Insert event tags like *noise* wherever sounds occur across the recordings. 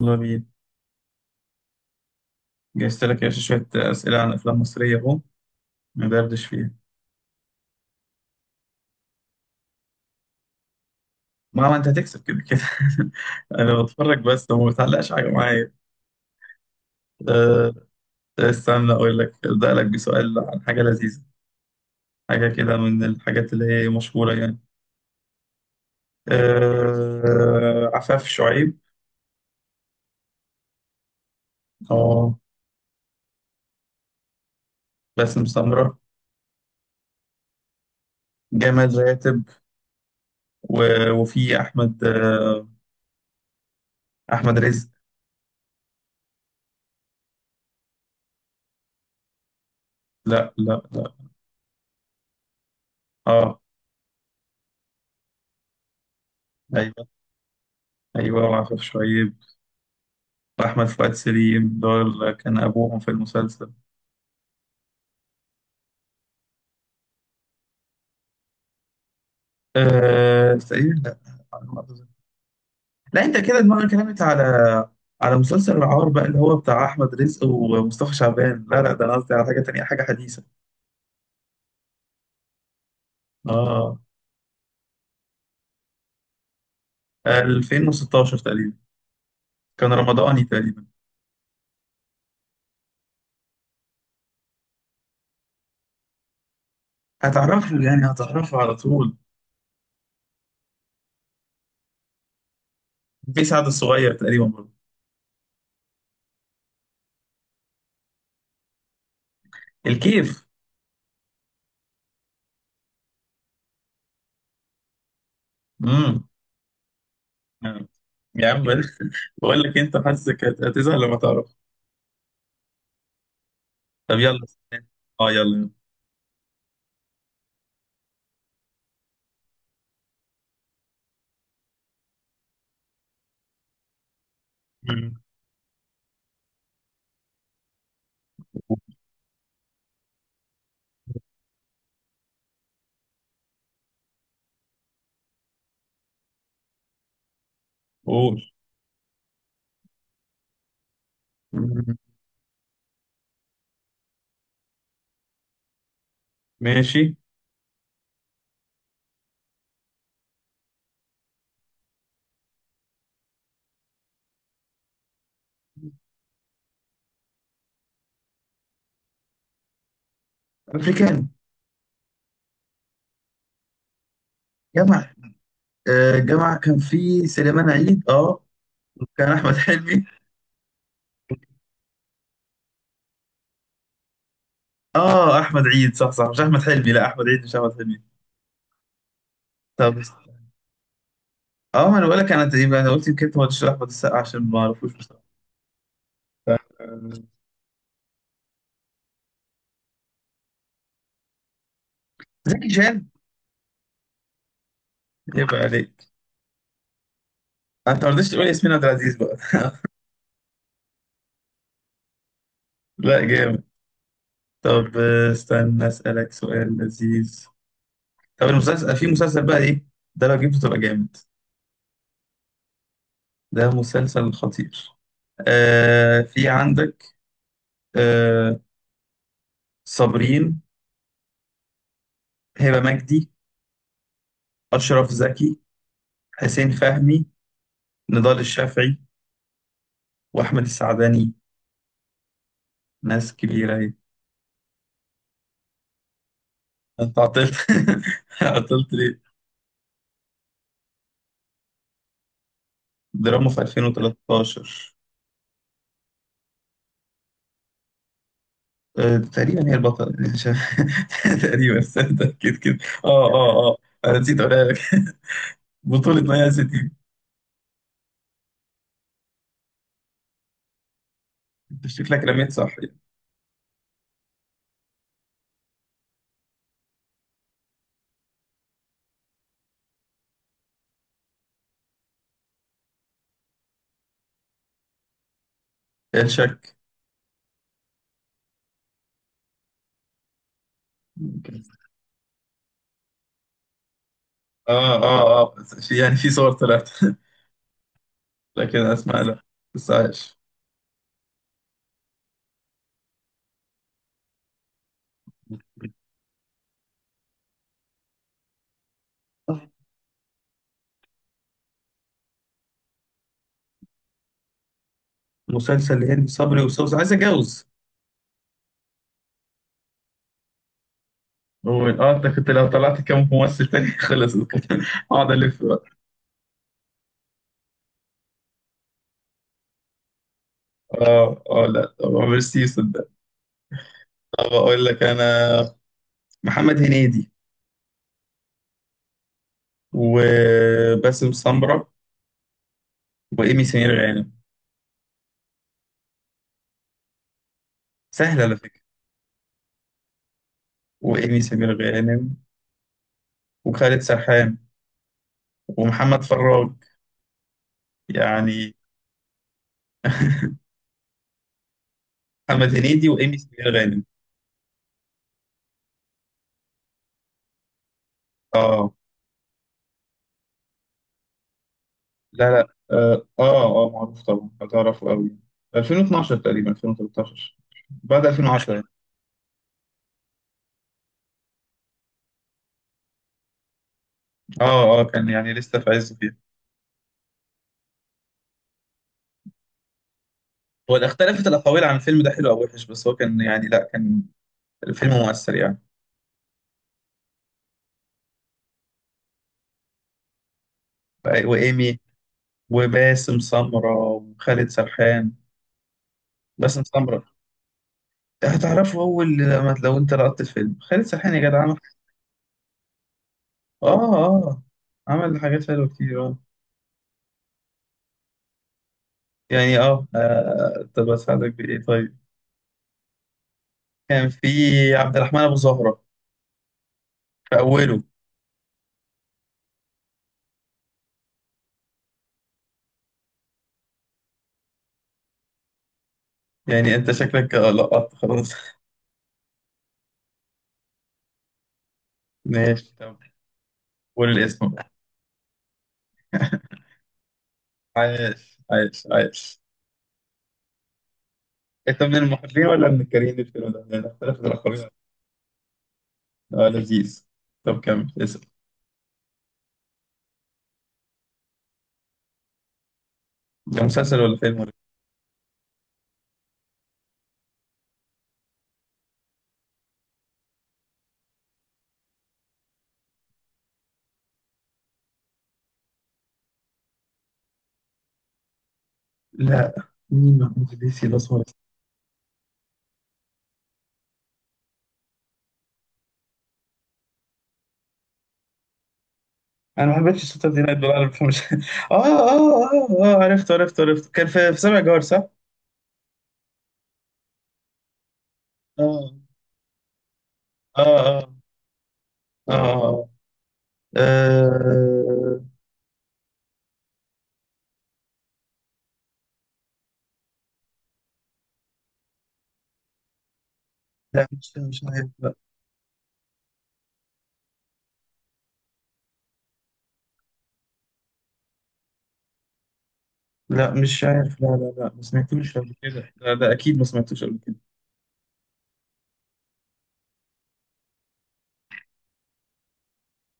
يلا بينا. جهزت لك يا باشا شوية أسئلة عن أفلام مصرية أهو ندردش فيها. ما أنت هتكسب كده كده. *laughs* أنا بتفرج بس وما بتعلقش حاجة معايا. أه، استنى أقول لك، أبدأ لك بسؤال عن حاجة لذيذة، حاجة كده من الحاجات اللي هي مشهورة يعني. أه، عفاف شعيب. أه، باسم سمرة. جمال راتب و وفي أحمد، أه أحمد رزق. لا لا لا. أه. أيوه، أيوه وعفاف شعيب وأحمد فؤاد سليم، دول كان أبوهم في المسلسل. أه تقريبا، لا على ما أتذكر. لا أنت كده دماغك كلمت على مسلسل العار بقى اللي هو بتاع أحمد رزق ومصطفى شعبان. لا لا، ده أنا قصدي على حاجة تانية، حاجة حديثة. آه. 2016 تقريبا، كان رمضاني تقريبا. هتعرفه يعني، هتعرفه على طول. في سعد الصغير تقريبا برضه. الكيف. امم يا عم بقول، *laughs* بقول لك أنت حاسك هتزهق لما تعرف. طب يلا. اه يلا يلا. مم. قول. مم. ماشي. افريكان. جامعة. آه جامعة، كان في سليمان عيد. اه كان احمد حلمي. اه احمد عيد، صح صح، مش احمد حلمي، لا احمد عيد مش احمد حلمي. طب، اه ما انا بقول لك، انا يبقى انا قلت يمكن انت ما قلتش احمد السقا عشان ما اعرفوش بصراحة. آه، زكي شان. يبقى عليك. انت ما رضيتش تقول ياسمين عبد العزيز بقى. لا، جامد. طب استنى اسالك سؤال لذيذ. طب المسلسل، في مسلسل بقى ايه ده، لو جبته تبقى جامد. ده مسلسل خطير. آه، في عندك. آه. صابرين، هبة مجدي، أشرف زكي، حسين فهمي، نضال الشافعي، وأحمد السعداني. ناس كبيرة أهي. أنت عطلت. *laughs* عطلت ليه؟ دراما في 2013. آه تقريبا هي البطلة. *laughs* مش عارف. تقريبا، استنى أكيد كده. أه أه أه، أنا نسيت أقولها لك. *laughs* بطولة مي عزتي. أنت شكلك رميت، صح. يعني الشك. آه آه آه، في يعني في صور طلعت. *laughs* لكن أسمع، لا. بس عايش. مسلسل هند صبري وسوس عايز اتجوز. اه انت كنت لو طلعت كام ممثل تاني *laughs* خلص كده، اقعد الف بقى. اه اه، لا طب عمرو سي صدق. طب اقول لك انا، محمد هنيدي وباسم سمرة وايمي سمير غانم. سهل على فكرة. وايمي سمير غانم وخالد سرحان ومحمد فراج يعني. محمد هنيدي وايمي سمير غانم. اه. لا لا، اه اه معروف طبعا، هتعرفه قوي. 2012 تقريبا، 2013، بعد 2010 يعني. اه اه، كان يعني لسه في عزه فيها. هو اختلفت الاقاويل عن الفيلم ده حلو او وحش، بس هو كان يعني، لا كان الفيلم مؤثر يعني. وايمي وباسم سمرة وخالد سرحان. باسم سمرة. هتعرفه اول لما، لو انت لقطت الفيلم خالد سرحان يا جدع، عمل. اه اه، عمل حاجات حلوه كتير اه. يعني اه، طب اساعدك بايه طيب؟ كان في عبد الرحمن ابو زهره في أوله. يعني أنت شكلك لقطت خلاص. *laughs* ماشي، طب قول الاسم بقى. عايش عايش عايش. أنت من المحبين ولا من الكارهين الفيلم ده؟ لأن اختلاف الأقاويل. آه، لذيذ. طب كمل اسم. ده مسلسل ولا فيلم ولا؟ لا. مين محمود الليثي ده خالص؟ أنا ما حبيتش الشطة دي نايت بالعربي فمش. *laughs* آه آه آه، آه عرفته عرفته عرفته، كان في في سبع جار صح؟ آه آه آه، آه آه. آه. لا مش عارف، لا مش عارف، لا لا لا، ما سمعتوش قبل كده، لا ده اكيد ما سمعتوش قبل كده.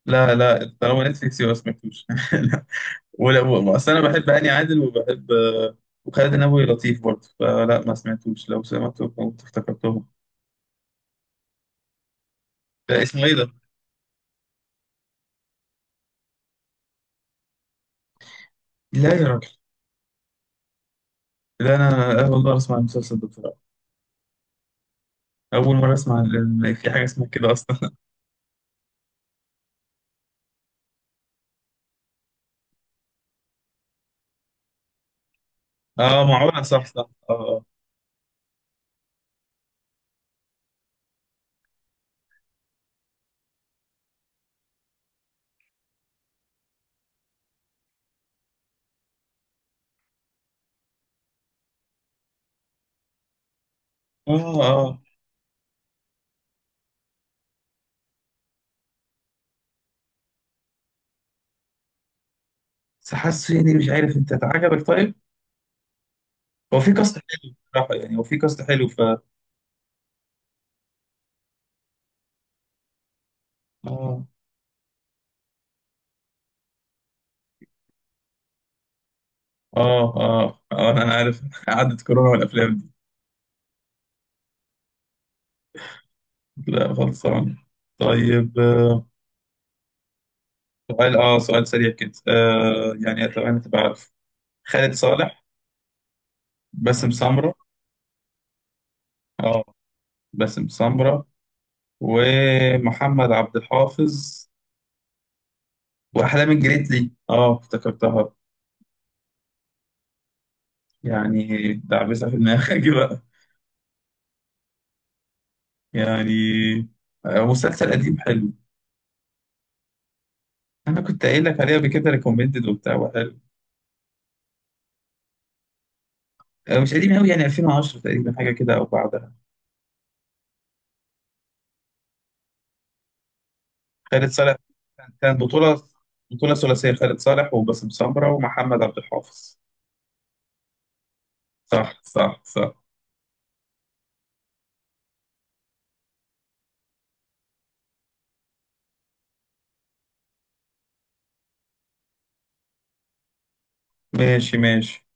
لا لا، طالما نتفليكس يبقى ما سمعتوش. *laughs* لا ولا اصل انا بحب هاني عادل وبحب وخالد النبوي لطيف برضه، فلا ما سمعتوش، لو سمعته كنت افتكرتهم. لا، اسمه ايه ده؟ لا يا راجل. لا انا اول مره اسمع المسلسل ده بصراحه، اول مره اسمع ان في حاجه اسمها كده اصلا. *laughs* اه معونه، صح صح اه اه اه آه. بس حاسه يعني، مش عارف انت عجبك طيب؟ هو في كاست حلو بصراحه يعني، هو في كاست حلو ف. اه اه اه، انا عارف. *laughs* قعدت كورونا والافلام دي. لا خلصان. طيب آه، سؤال، اه سؤال سريع كده، آه يعني اتمنى تبقى عارف. خالد صالح. باسم سمرة. اه، باسم سمرة ومحمد عبد الحافظ واحلام الجريتلي، اه افتكرتها. يعني دعبسة في دماغك *laughs* بقى. يعني آه، مسلسل قديم حلو، انا كنت قايل لك عليه قبل كده، ريكومندد وبتاع وحلو. آه، مش قديم قوي يعني، 2010 تقريبا حاجه كده او بعدها. خالد صالح كان بطولة، بطولة ثلاثية خالد صالح وباسم سمرة ومحمد عبد الحافظ. صح صح صح. ماشي ماشي.